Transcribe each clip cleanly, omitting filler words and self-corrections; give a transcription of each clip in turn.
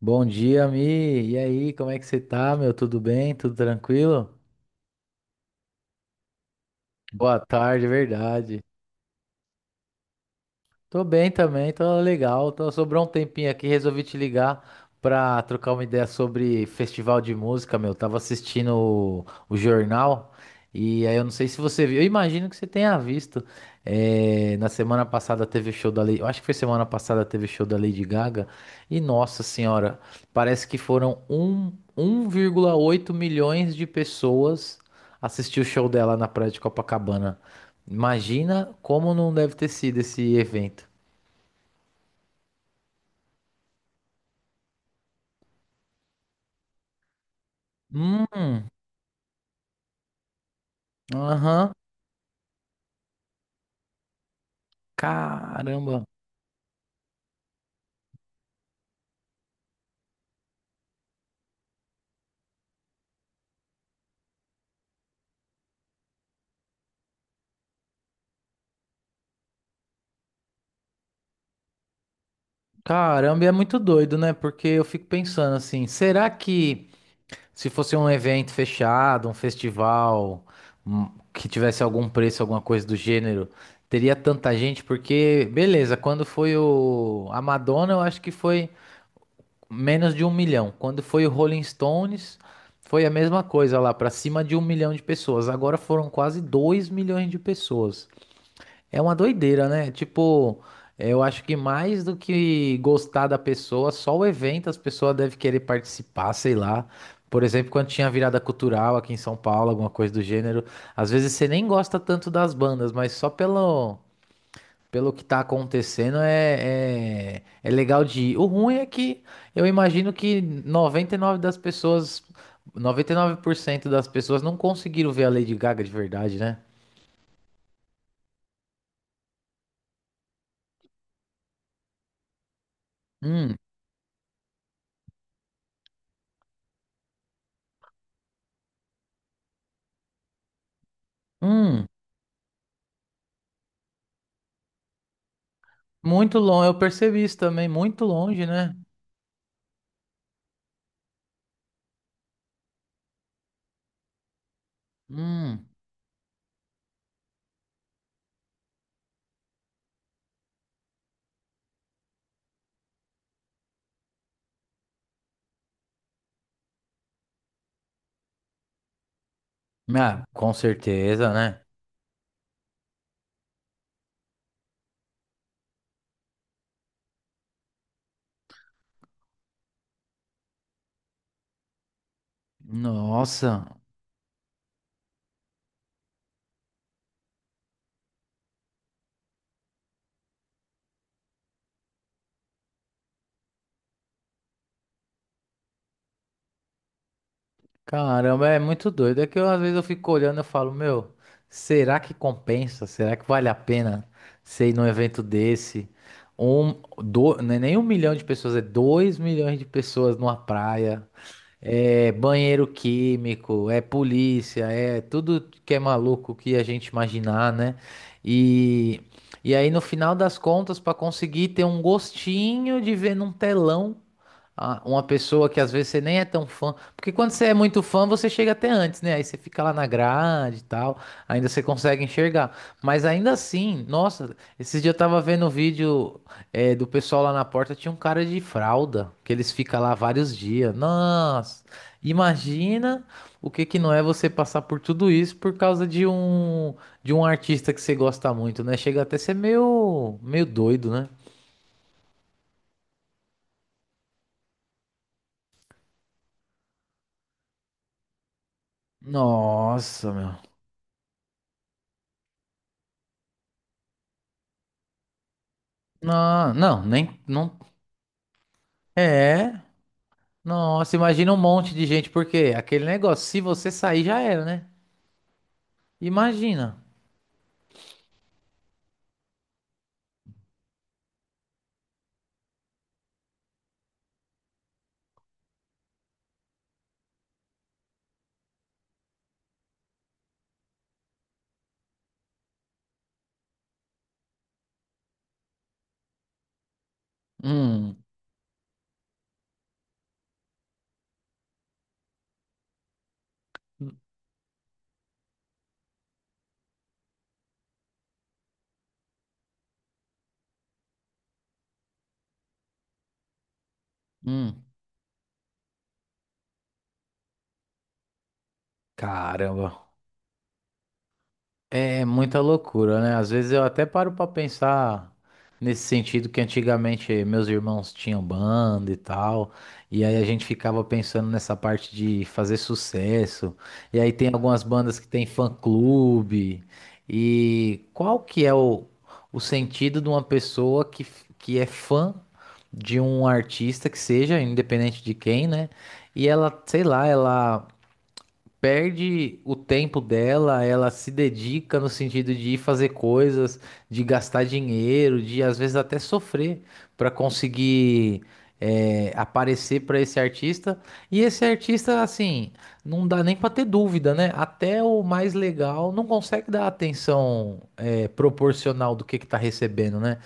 Bom dia, Mi. E aí, como é que você tá, meu? Tudo bem? Tudo tranquilo? Boa tarde, é verdade. Tô bem também, tô legal. Tô, sobrou um tempinho aqui, resolvi te ligar pra trocar uma ideia sobre festival de música, meu. Tava assistindo o jornal e aí eu não sei se você viu. Eu imagino que você tenha visto. É, na semana passada teve o show da Lady, eu acho que foi semana passada teve o show da Lady Gaga e nossa senhora, parece que foram 1,8 milhões de pessoas assistir o show dela na praia de Copacabana. Imagina como não deve ter sido esse evento. Hum, aham. Caramba. Caramba, e é muito doido, né? Porque eu fico pensando assim, será que se fosse um evento fechado, um festival, que tivesse algum preço, alguma coisa do gênero, teria tanta gente? Porque, beleza, quando foi o a Madonna, eu acho que foi menos de um milhão. Quando foi o Rolling Stones, foi a mesma coisa lá, pra cima de um milhão de pessoas. Agora foram quase dois milhões de pessoas. É uma doideira, né? Tipo, eu acho que mais do que gostar da pessoa, só o evento as pessoas devem querer participar, sei lá. Por exemplo, quando tinha virada cultural aqui em São Paulo, alguma coisa do gênero, às vezes você nem gosta tanto das bandas, mas só pelo, pelo que tá acontecendo é legal de ir. O ruim é que eu imagino que 99% das pessoas não conseguiram ver a Lady Gaga de verdade, né? Hum, hum. Muito longe, eu percebi isso também, muito longe, né? Hum, ah, com certeza, né? Nossa, caramba, é muito doido. É que eu, às vezes eu fico olhando e falo, meu, será que compensa? Será que vale a pena você ir num evento desse? Um, não é nem um milhão de pessoas, é dois milhões de pessoas numa praia. É banheiro químico, é polícia, é tudo que é maluco que a gente imaginar, né? E, e aí, no final das contas, para conseguir ter um gostinho de ver num telão uma pessoa que às vezes você nem é tão fã, porque quando você é muito fã, você chega até antes, né? Aí você fica lá na grade e tal, ainda você consegue enxergar. Mas ainda assim, nossa, esses dias eu tava vendo um vídeo. É, do pessoal lá na porta tinha um cara de fralda, que eles ficam lá vários dias. Nossa, imagina o que que não é você passar por tudo isso por causa de um artista que você gosta muito, né? Chega até a ser meio doido, né? Nossa, meu. Não, não, nem não é. Nossa, imagina um monte de gente porque aquele negócio, se você sair já era, né? Imagina. Hum. Hum. Caramba. É muita loucura, né? Às vezes eu até paro pra pensar nesse sentido que antigamente meus irmãos tinham banda e tal, e aí a gente ficava pensando nessa parte de fazer sucesso. E aí tem algumas bandas que tem fã-clube. E qual que é o sentido de uma pessoa que é fã de um artista que seja, independente de quem, né? E ela, sei lá, ela perde o tempo dela, ela se dedica no sentido de ir fazer coisas, de gastar dinheiro, de às vezes até sofrer para conseguir aparecer para esse artista. E esse artista, assim, não dá nem para ter dúvida, né? Até o mais legal não consegue dar atenção proporcional do que tá recebendo, né?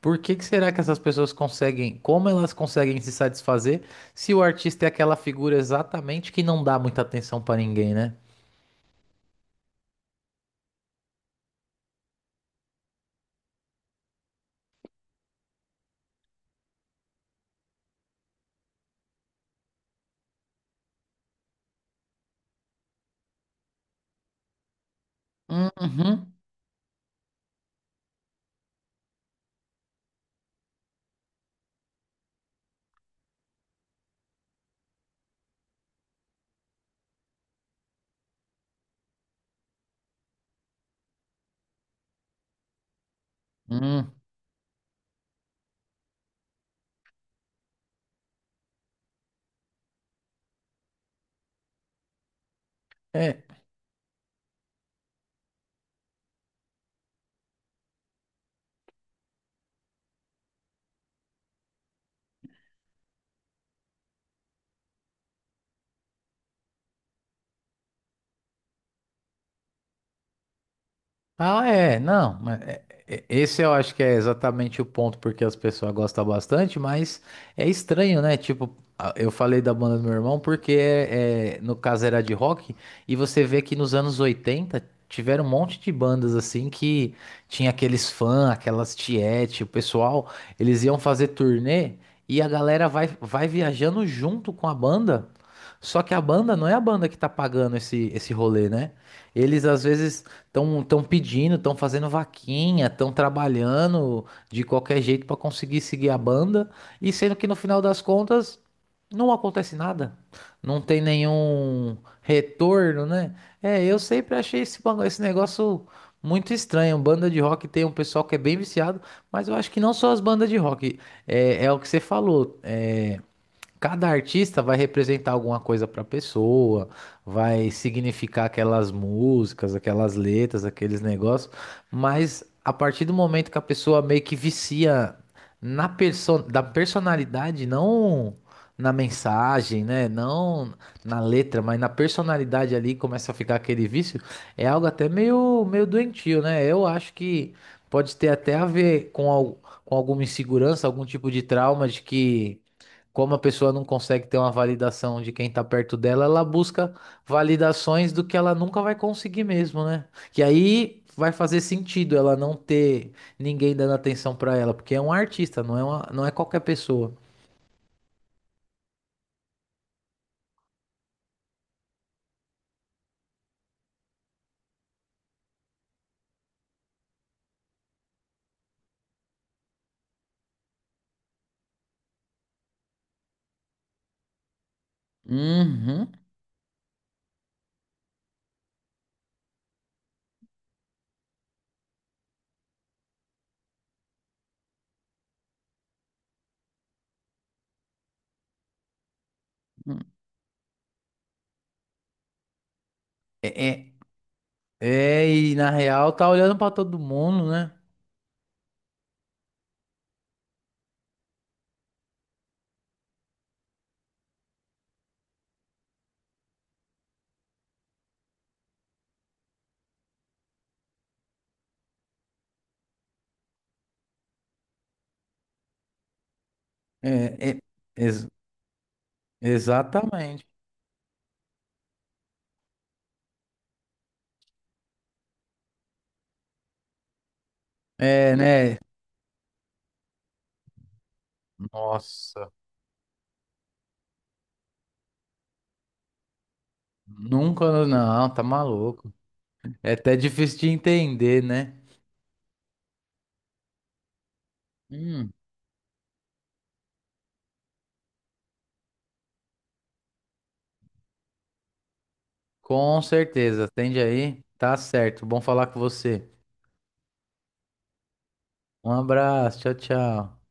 Por que que será que essas pessoas conseguem, como elas conseguem se satisfazer se o artista é aquela figura exatamente que não dá muita atenção pra ninguém, né? Uhum. Hum. É. Ah, é, não, esse eu acho que é exatamente o ponto porque as pessoas gostam bastante, mas é estranho, né? Tipo, eu falei da banda do meu irmão porque no caso era de rock, e você vê que nos anos 80 tiveram um monte de bandas assim que tinha aqueles fãs, aquelas tiete, o pessoal, eles iam fazer turnê e a galera vai, vai viajando junto com a banda. Só que a banda não é a banda que tá pagando esse rolê, né? Eles às vezes. Estão pedindo, estão fazendo vaquinha, estão trabalhando de qualquer jeito para conseguir seguir a banda, e sendo que no final das contas não acontece nada, não tem nenhum retorno, né? É, eu sempre achei esse negócio muito estranho. Banda de rock tem um pessoal que é bem viciado, mas eu acho que não só as bandas de rock, é o que você falou. Cada artista vai representar alguma coisa para a pessoa, vai significar aquelas músicas, aquelas letras, aqueles negócios, mas a partir do momento que a pessoa meio que vicia na perso da personalidade, não na mensagem, né? Não na letra, mas na personalidade ali começa a ficar aquele vício, é algo até meio doentio, né? Eu acho que pode ter até a ver com alguma insegurança, algum tipo de trauma de que. Como a pessoa não consegue ter uma validação de quem tá perto dela, ela busca validações do que ela nunca vai conseguir mesmo, né? Que aí vai fazer sentido ela não ter ninguém dando atenção pra ela, porque é um artista, não é não é qualquer pessoa. Uhum. É, é, é, e na real tá olhando pra todo mundo, né? É, é, ex- exatamente. É, né? Nossa, nunca, não, tá maluco. É até difícil de entender, né? Com certeza, atende aí. Tá certo. Bom falar com você. Um abraço, tchau, tchau.